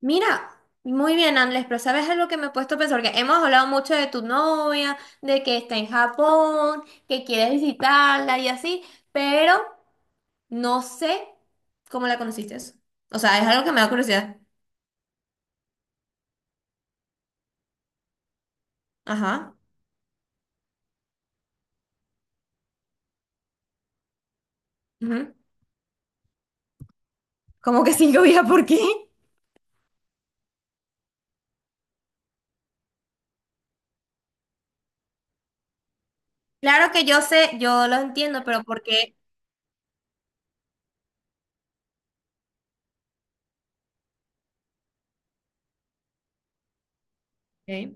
Mira, muy bien, Andrés, pero ¿sabes algo que me he puesto a pensar? Porque hemos hablado mucho de tu novia, de que está en Japón, que quieres visitarla y así, pero no sé cómo la conociste. O sea, es algo que me da curiosidad. Ajá. Ujú. Como que cinco días, ¿por qué? Claro que yo sé, yo lo entiendo, pero ¿por qué? Ok.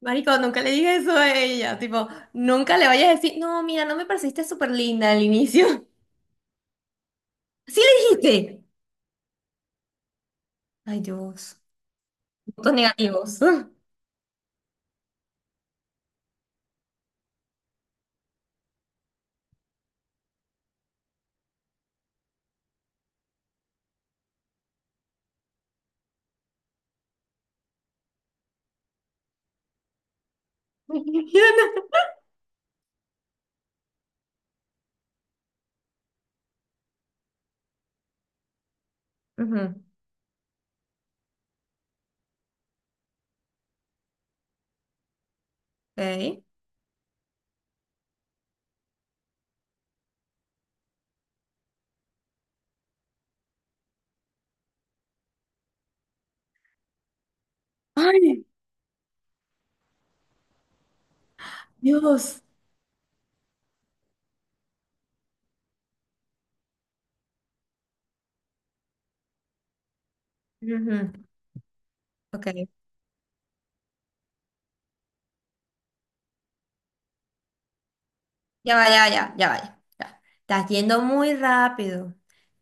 Marico, nunca le dije eso a ella. Tipo, nunca le vayas a decir, no, mira, no me pareciste súper linda al inicio. ¿Sí le dijiste? Ay, Dios. Puntos negativos. Ujú. Ok. Ay, Dios. Ujú. Ok. Ya va, ya va, ya, ya va. Ya. Ya. Estás yendo muy rápido.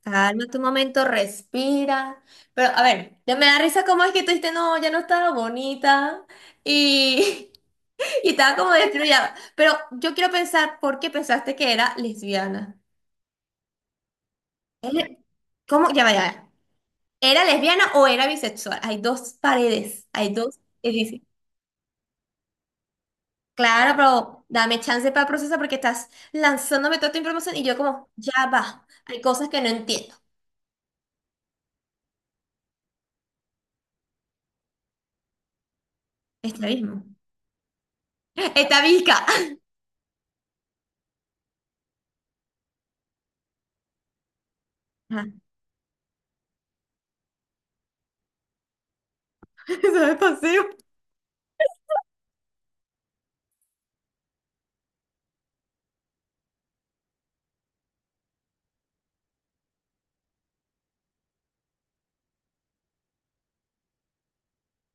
Calma tu momento, respira. Pero, a ver, ya me da risa cómo es que tú dijiste, no, ya no estaba bonita. Y, y estaba como destruida. Pero yo quiero pensar por qué pensaste que era lesbiana. ¿Eh? ¿Cómo? Ya va, ya va. ¿Era lesbiana o era bisexual? Hay dos paredes, hay dos edificios. Claro, pero dame chance para procesar porque estás lanzándome toda esta información y yo como, ya va, hay cosas que no entiendo. Estrabismo. Estavisca. Ajá. Eso es pasivo.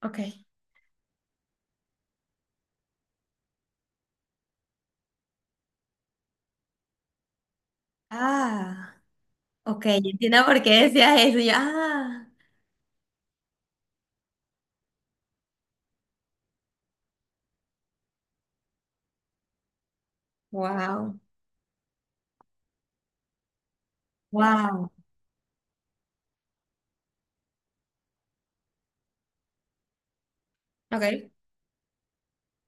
Ok. Ah, ok, entiendo por qué decías eso. Yo, ah, wow, wow. Ok,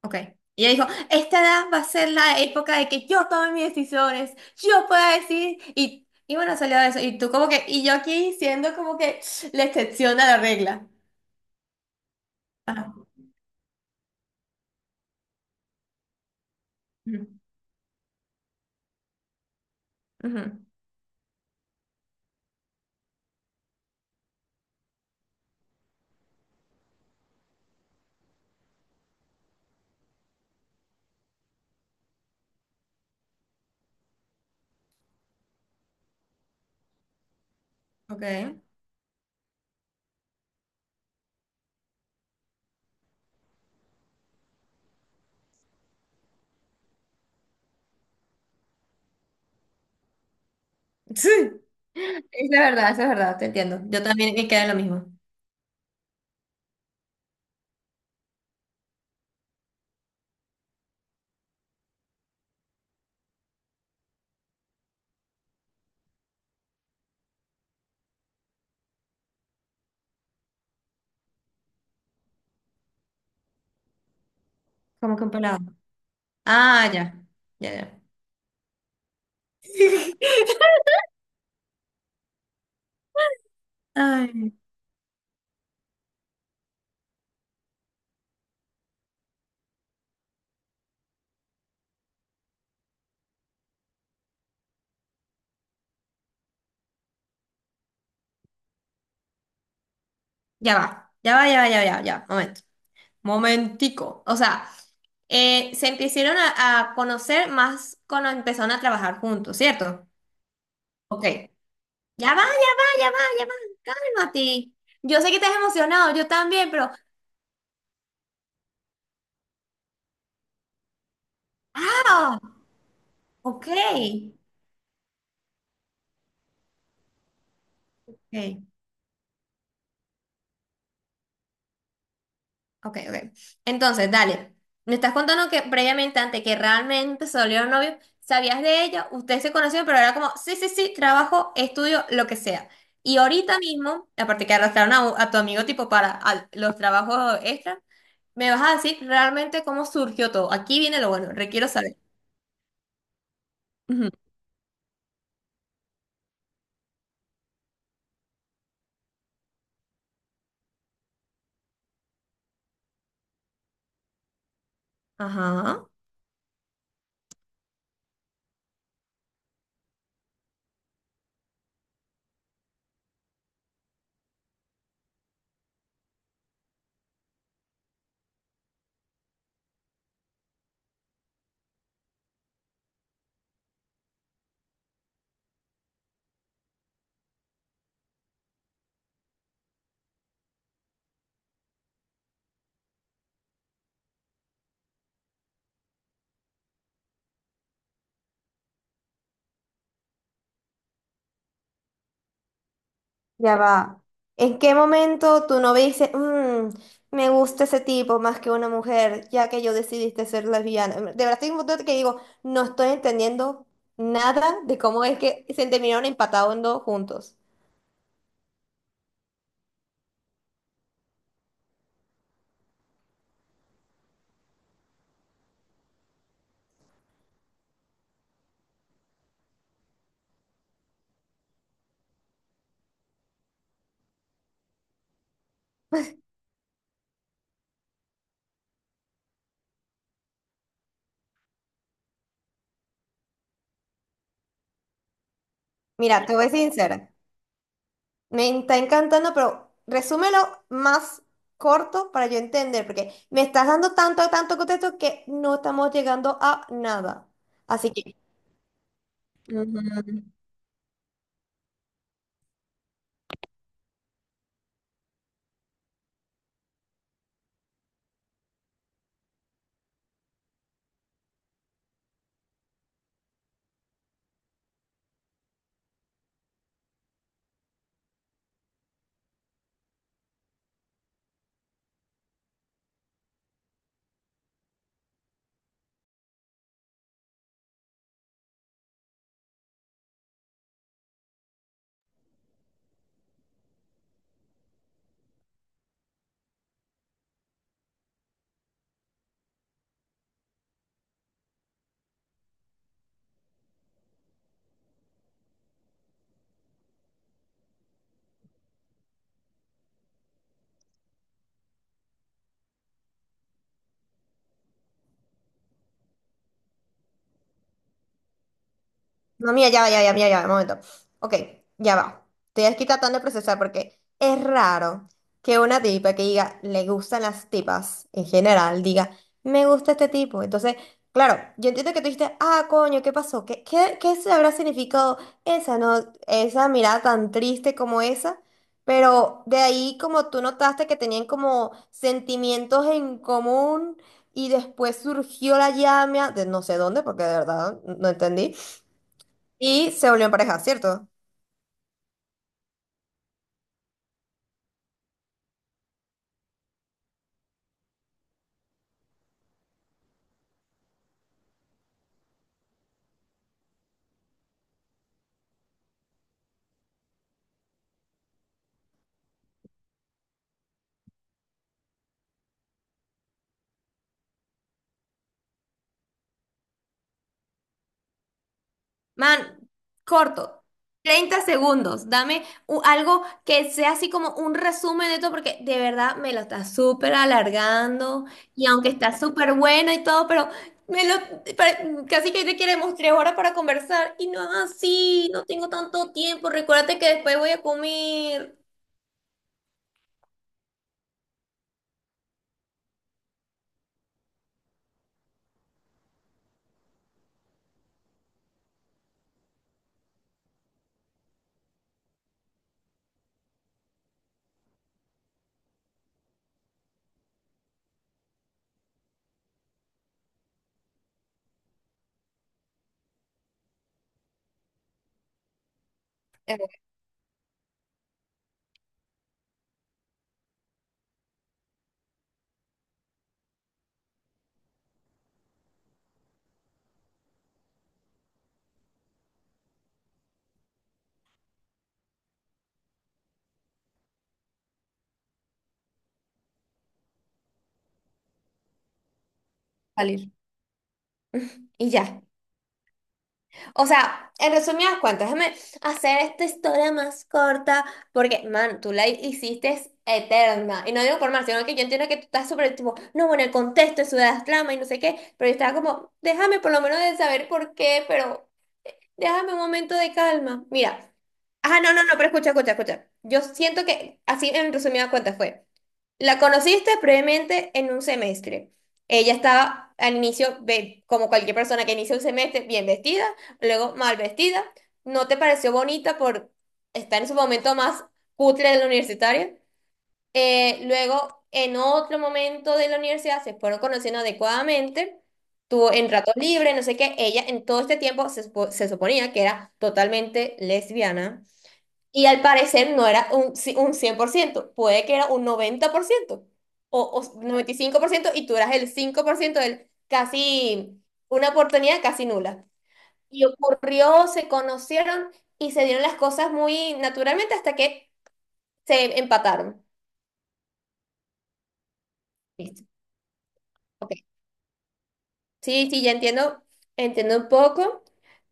ok. Y ella dijo, esta edad va a ser la época de que yo tome mis decisiones, yo pueda decir, y bueno, salió de eso. Y tú como que, y yo aquí siendo como que la excepción a la regla. Ajá. Ujú. Ok. Sí, es la verdad, eso es verdad, te entiendo. Yo también me quedé en lo mismo. Como que un pelado. Ah, ya. Ya, ya. Ay. Ya va, ya va, ya va, ya va, ya, va, ya. Momento. Momentico. O sea, se empezaron a conocer más cuando empezaron a trabajar juntos, ¿cierto? Ok. Ya va, ya va, ya va, ya va, Mati. Yo sé que estás emocionado, yo también, pero. ¡Ah! Ok. Ok. Ok, ok. Entonces, dale. Me estás contando que previamente, antes que realmente se volvieron novios, sabías de ella, ustedes se conocieron, pero era como, sí, sí, sí, trabajo, estudio, lo que sea. Y ahorita mismo, aparte que arrastraron a tu amigo tipo para los trabajos extra, me vas a decir realmente cómo surgió todo. Aquí viene lo bueno, requiero saber. Ujú. Ajá. Ya va. ¿En qué momento tu novia dice, "Mm, me gusta ese tipo más que una mujer, ya que yo decidiste ser lesbiana? De verdad, estoy en un punto que digo, no estoy entendiendo nada de cómo es que se terminaron empatando juntos. Mira, te voy a ser sincera. Me está encantando, pero resúmelo más corto para yo entender, porque me estás dando tanto, tanto contexto que no estamos llegando a nada. Así que... Ujú. No, mira, ya va, ya va, ya va, ya va, un momento. Ok, ya va. Estoy aquí tratando de procesar porque es raro que una tipa que diga, le gustan las tipas en general, diga, me gusta este tipo. Entonces, claro, yo entiendo que tú dijiste, ah, coño, ¿qué pasó? ¿Qué se habrá significado esa, no, esa mirada tan triste como esa? Pero de ahí como tú notaste que tenían como sentimientos en común y después surgió la llama de no sé dónde, porque de verdad no entendí. Y se volvieron pareja, ¿cierto? Man, corto. Treinta segundos. Dame algo que sea así como un resumen de todo, porque de verdad me lo está súper alargando. Y aunque está súper bueno y todo, pero me lo pare- casi que te queremos 3 horas para conversar. Y no es así, no tengo tanto tiempo. Recuérdate que después voy a comer. Voy a salir. Y ya. O sea, en resumidas cuentas, déjame hacer esta historia más corta porque, man, tú la hiciste eterna. Y no digo por mal, sino que yo entiendo que tú estás súper tipo, no, bueno, el contexto de Ciudad Flama y no sé qué, pero yo estaba como, déjame por lo menos de saber por qué, pero déjame un momento de calma. Mira. Ah, no, no, no, pero escucha, escucha, escucha. Yo siento que así en resumidas cuentas fue. La conociste previamente en un semestre. Ella estaba al inicio, como cualquier persona que inicia un semestre, bien vestida, luego mal vestida. No te pareció bonita por estar en su momento más cutre de la universitaria. Luego, en otro momento de la universidad, se fueron conociendo adecuadamente. Tuvo en ratos libres no sé qué. Ella en todo este tiempo se suponía que era totalmente lesbiana. Y al parecer no era un 100%, puede que era un 90% o 95% y tú eras el 5% del casi, una oportunidad casi nula. Y ocurrió, se conocieron y se dieron las cosas muy naturalmente hasta que se empataron. Listo. Ok. Sí, sí, ya entiendo, entiendo un poco.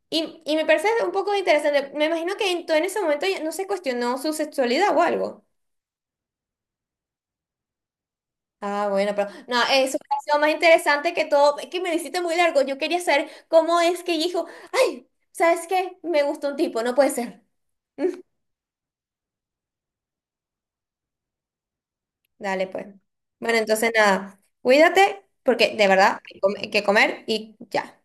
Y me parece un poco interesante. Me imagino que en, todo en ese momento ya no se cuestionó su sexualidad o algo. Ah, bueno, pero no, eso me pareció más interesante que todo, es que me lo hiciste muy largo. Yo quería saber cómo es que dijo, ay, ¿sabes qué? Me gustó un tipo, no puede ser. Dale, pues. Bueno, entonces nada, cuídate, porque de verdad hay que comer y ya.